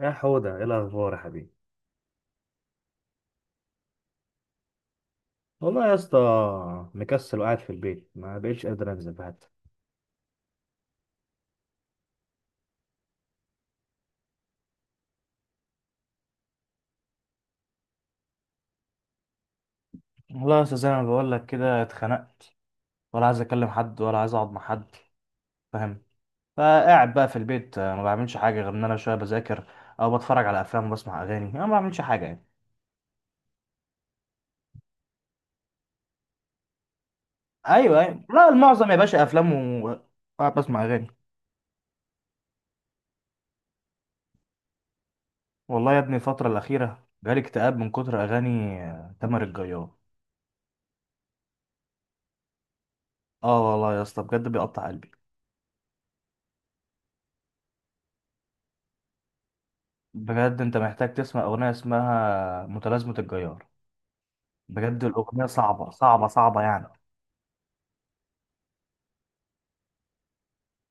يا حودة ايه الأخبار يا حبيبي؟ والله يا اسطى، مكسل وقاعد في البيت ما بقتش قادر أنزل حتى. والله يا أستاذ زي ما بقول لك كده اتخنقت، ولا عايز اكلم حد ولا عايز اقعد مع حد، فاهم. فقاعد بقى في البيت، ما بعملش حاجه غير ان انا شويه بذاكر او بتفرج على افلام وبسمع اغاني. انا ما بعملش حاجه يعني. ايوه ايوه، لا المعظم يا باشا افلام و- وقاعد بسمع اغاني. والله يا ابني الفتره الاخيره جالي اكتئاب من كتر اغاني تامر الجيار. اه والله يا اسطى بجد بيقطع قلبي. بجد انت محتاج تسمع اغنيه اسمها متلازمه الجيار. بجد الاغنيه صعبه صعبه صعبه يعني.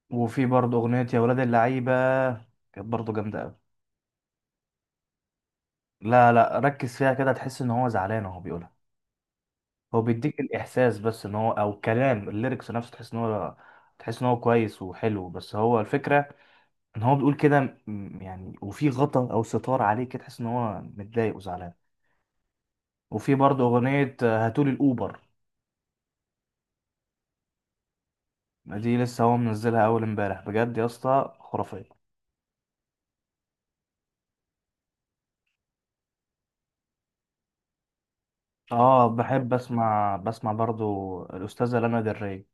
وفي برضه اغنيه يا ولاد اللعيبه، كانت برضه جامده قوي. لا لا، ركز فيها كده تحس ان هو زعلان وهو بيقولها. هو بيديك الاحساس بس ان هو، او كلام الليركس نفسه، تحس ان هو كويس وحلو، بس هو الفكره ان هو بيقول كده. يعني وفي غطا او ستار عليه كده، تحس ان هو متضايق وزعلان. وفي برضه اغنيه هاتولي الاوبر. دي لسه هو منزلها اول امبارح، بجد يا اسطى خرافيه. اه بحب بسمع برضو الاستاذه لانا del ري.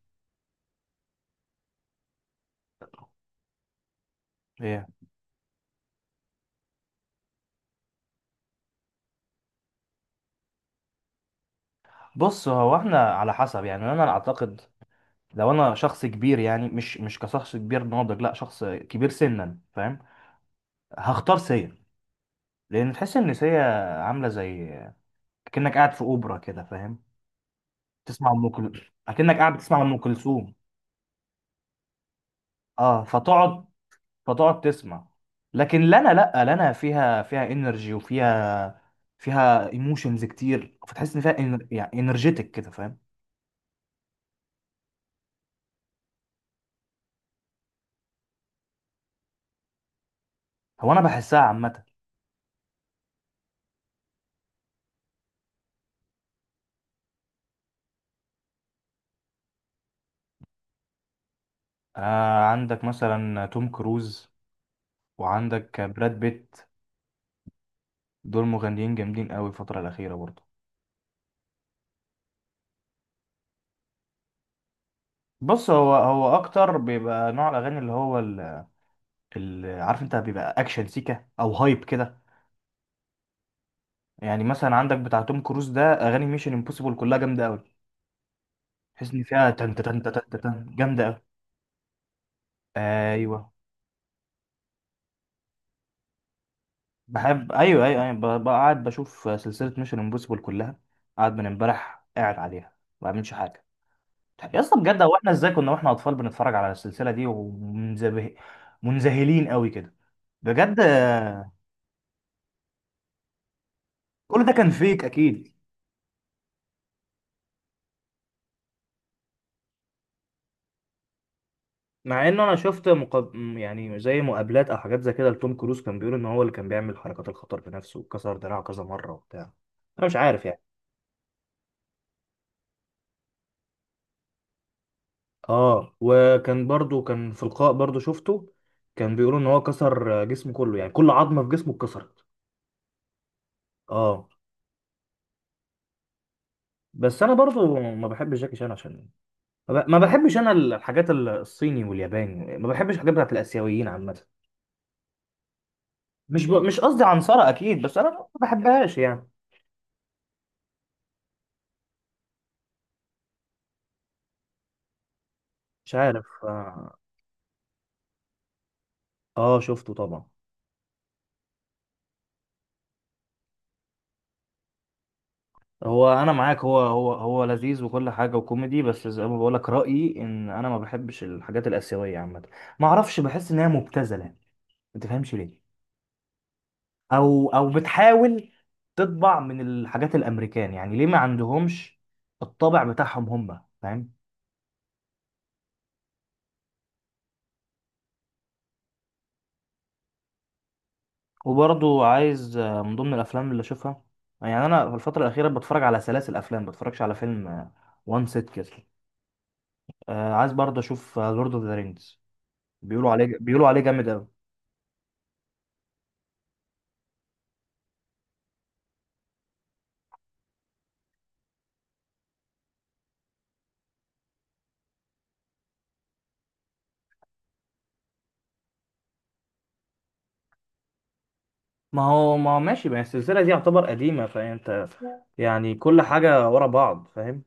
ايه، بص هو احنا على حسب يعني انا اعتقد. لو انا شخص كبير، يعني مش كشخص كبير ناضج، لا شخص كبير سنا، فاهم، هختار سيا. لان تحس ان سيا عامله زي، كأنك قاعد في اوبرا كده، فاهم. تسمع ام كلثوم اكنك قاعد بتسمع ام كلثوم. اه فتقعد تسمع. لكن لنا، لا لنا فيها انرجي وفيها ايموشنز كتير، فتحس ان فيها يعني انرجيتك كده، فاهم. هو انا بحسها عامه. عندك مثلا توم كروز وعندك براد بيت. دول مغنيين جامدين قوي الفتره الاخيره برضه. بص هو اكتر بيبقى نوع الاغاني اللي هو عارف انت بيبقى اكشن سيكا او هايب كده. يعني مثلا عندك بتاع توم كروز ده، اغاني ميشن امبوسيبل كلها جامده قوي. تحس ان فيها تن تن تن تن جامده قوي. ايوه بحب، ايوه ايوه ايوه، بقعد بشوف سلسله ميشن امبوسيبل كلها. قاعد من امبارح قاعد عليها ما بعملش حاجه. يا اسطى بجد، هو احنا ازاي كنا واحنا اطفال بنتفرج على السلسله دي ومنزبه منذهلين قوي كده. بجد كل ده كان فيك اكيد. مع انه انا شفت يعني زي مقابلات او حاجات زي كده لتوم كروز، كان بيقول ان هو اللي كان بيعمل حركات الخطر بنفسه، وكسر دراعه كذا مره وبتاع. انا مش عارف يعني. اه وكان برضو كان في لقاء برضو شفته، كان بيقولوا ان هو كسر جسمه كله، يعني كل عظمه في جسمه اتكسرت. اه بس انا برضو ما بحبش جاكي شان، عشان ما بحبش انا الحاجات الصيني والياباني. ما بحبش الحاجات بتاعت الاسيويين عامه. مش قصدي عنصرة اكيد، بس انا ما بحبهاش يعني. مش عارف اه. شفته طبعا. هو انا معاك، هو لذيذ وكل حاجه وكوميدي، بس زي ما بقولك رايي ان انا ما بحبش الحاجات الاسيويه عامه. ما اعرفش، بحس ان هي مبتذله، ما تفهمش ليه. او بتحاول تطبع من الحاجات الامريكان، يعني ليه ما عندهمش الطابع بتاعهم هم، فاهم. وبرضو عايز من ضمن الافلام اللي اشوفها، يعني انا في الفتره الاخيره بتفرج على سلاسل افلام ما بتفرجش على فيلم وان سيت كده. عايز برضه اشوف لورد اوف ذا رينجز. بيقولوا عليه جامد قوي. ما هو ماشي، ما هي السلسله دي يعتبر قديمه، فانت يعني كل حاجه ورا بعض، فاهم.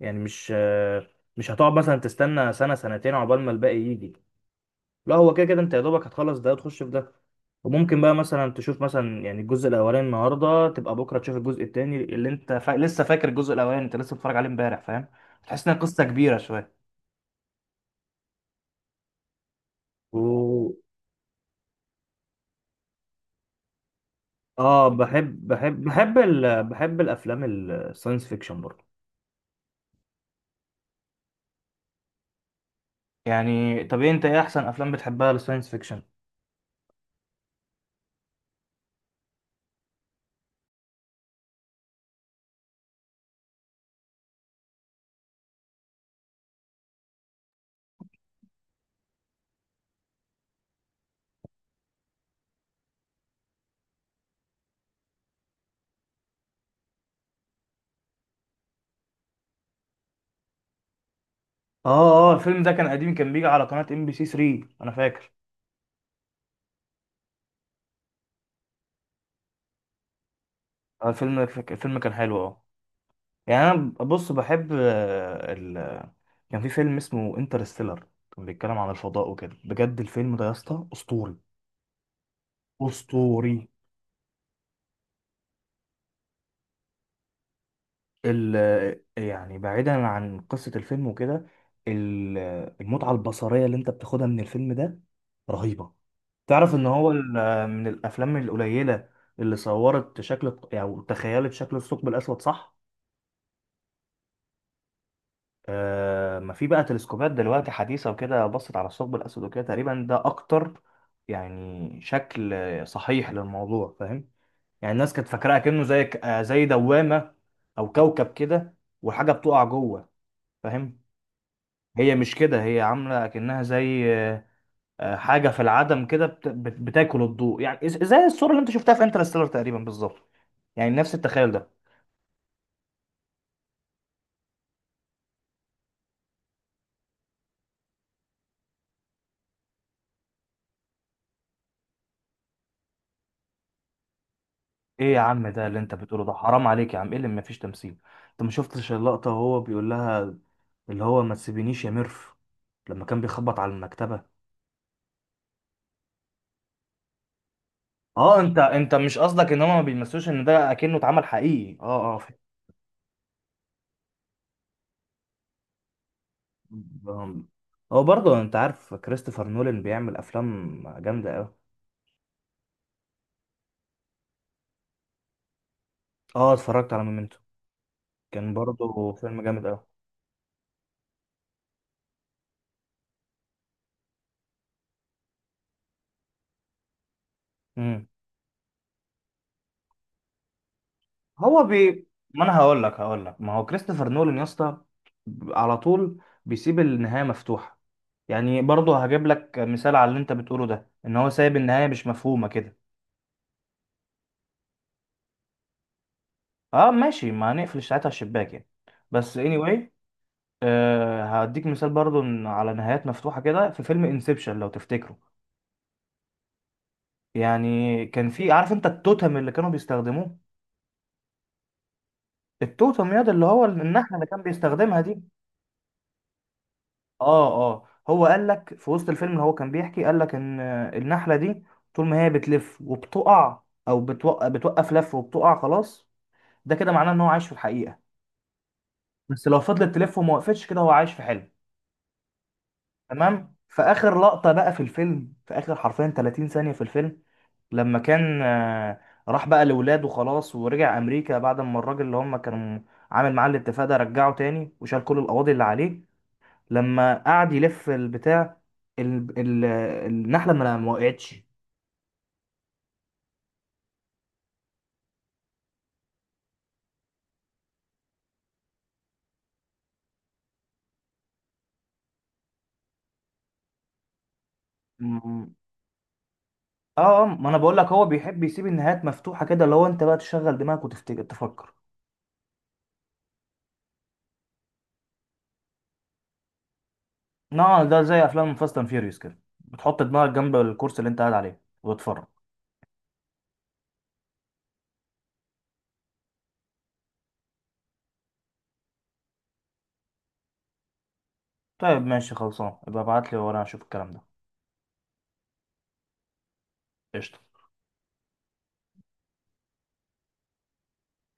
يعني مش هتقعد مثلا تستنى سنه سنتين عقبال ما الباقي يجي. لا هو كده كده انت يا دوبك هتخلص ده وتخش في ده. وممكن بقى مثلا تشوف مثلا يعني الجزء الاولاني النهارده، تبقى بكره تشوف الجزء التاني اللي انت لسه فاكر الجزء الاولاني، انت لسه بتتفرج عليه امبارح، فاهم. تحس انها قصه كبيره شويه. و... اه بحب الافلام الساينس فيكشن برضه. يعني طب ايه انت، ايه احسن افلام بتحبها للساينس فيكشن؟ اه اه، الفيلم ده كان قديم، كان بيجي على قناه ام بي سي 3 انا فاكر. الفيلم كان حلو اه. يعني انا بص بحب كان في فيلم اسمه انترستيلر، كان بيتكلم عن الفضاء وكده. بجد الفيلم ده يا اسطى اسطوري اسطوري. ال... يعني بعيدا عن قصة الفيلم وكده، ال- المتعة البصرية اللي انت بتاخدها من الفيلم ده رهيبة. تعرف ان هو من الافلام القليلة اللي صورت او يعني تخيلت شكل الثقب الاسود، صح. ما في بقى تلسكوبات دلوقتي حديثة وكده، بصت على الثقب الأسود وكده، تقريبا ده أكتر يعني شكل صحيح للموضوع، فاهم. يعني الناس كانت فاكراه كأنه زي زي دوامة أو كوكب كده، وحاجة بتقع جوه، فاهم. هي مش كده، هي عاملة كأنها زي حاجة في العدم كده، بتاكل الضوء. يعني زي الصورة اللي أنت شفتها في انترستيلر تقريبا بالظبط، يعني نفس التخيل ده. ايه يا عم؟ ده اللي انت بتقوله ده حرام عليك يا عم. ايه اللي مفيش تمثيل؟ انت ما شفتش اللقطة وهو بيقول لها اللي هو ما تسيبينيش يا ميرف، لما كان بيخبط على المكتبة؟ اه انت مش قصدك ان هما ما بيمثلوش، ان ده اكنه اتعمل حقيقي. اه اه فاهم. آم، هو برضه انت عارف كريستوفر نولان بيعمل افلام جامدة اوي. اه اتفرجت على مومنتو، كان برضه فيلم جامد اوي. امم، هو بي ما انا هقول لك ما هو كريستوفر نولان يا اسطى على طول بيسيب النهاية مفتوحة. يعني برضه هجيب لك مثال على اللي انت بتقوله ده، ان هو سايب النهايه مش مفهومه كده. اه ماشي، ما هنقفل ساعتها الشباك يعني. بس anyway، هديك مثال برضه على نهايات مفتوحه كده في فيلم انسبشن لو تفتكره. يعني كان في، عارف انت التوتم اللي كانوا بيستخدموه؟ التوتم ياد اللي هو النحله اللي كان بيستخدمها دي. اه اه، هو قال لك في وسط الفيلم اللي هو كان بيحكي، قال لك ان النحله دي طول ما هي بتلف وبتقع، او بتوقف لف وبتقع خلاص، ده كده معناه ان هو عايش في الحقيقه. بس لو فضلت تلف وما وقفتش، كده هو عايش في حلم. تمام. في اخر لقطه بقى في الفيلم، في اخر حرفيا 30 ثانيه في الفيلم، لما كان راح بقى لاولاده خلاص ورجع امريكا بعد ما الراجل اللي هم كانوا عامل معاه الاتفاق ده رجعه تاني وشال كل القواضي اللي عليه، لما قعد يلف البتاع، ال... ال... النحله ما وقعتش. م- اه ما انا بقول لك، هو بيحب يسيب النهايات مفتوحه كده، اللي هو انت بقى تشغل دماغك وتفتكر تفكر. نعم، ده زي افلام فاست اند فيوريوس كده، بتحط دماغك جنب الكرسي اللي انت قاعد عليه وتتفرج. طيب ماشي خلصان، يبقى ابعت لي وانا اشوف الكلام ده. قشطة.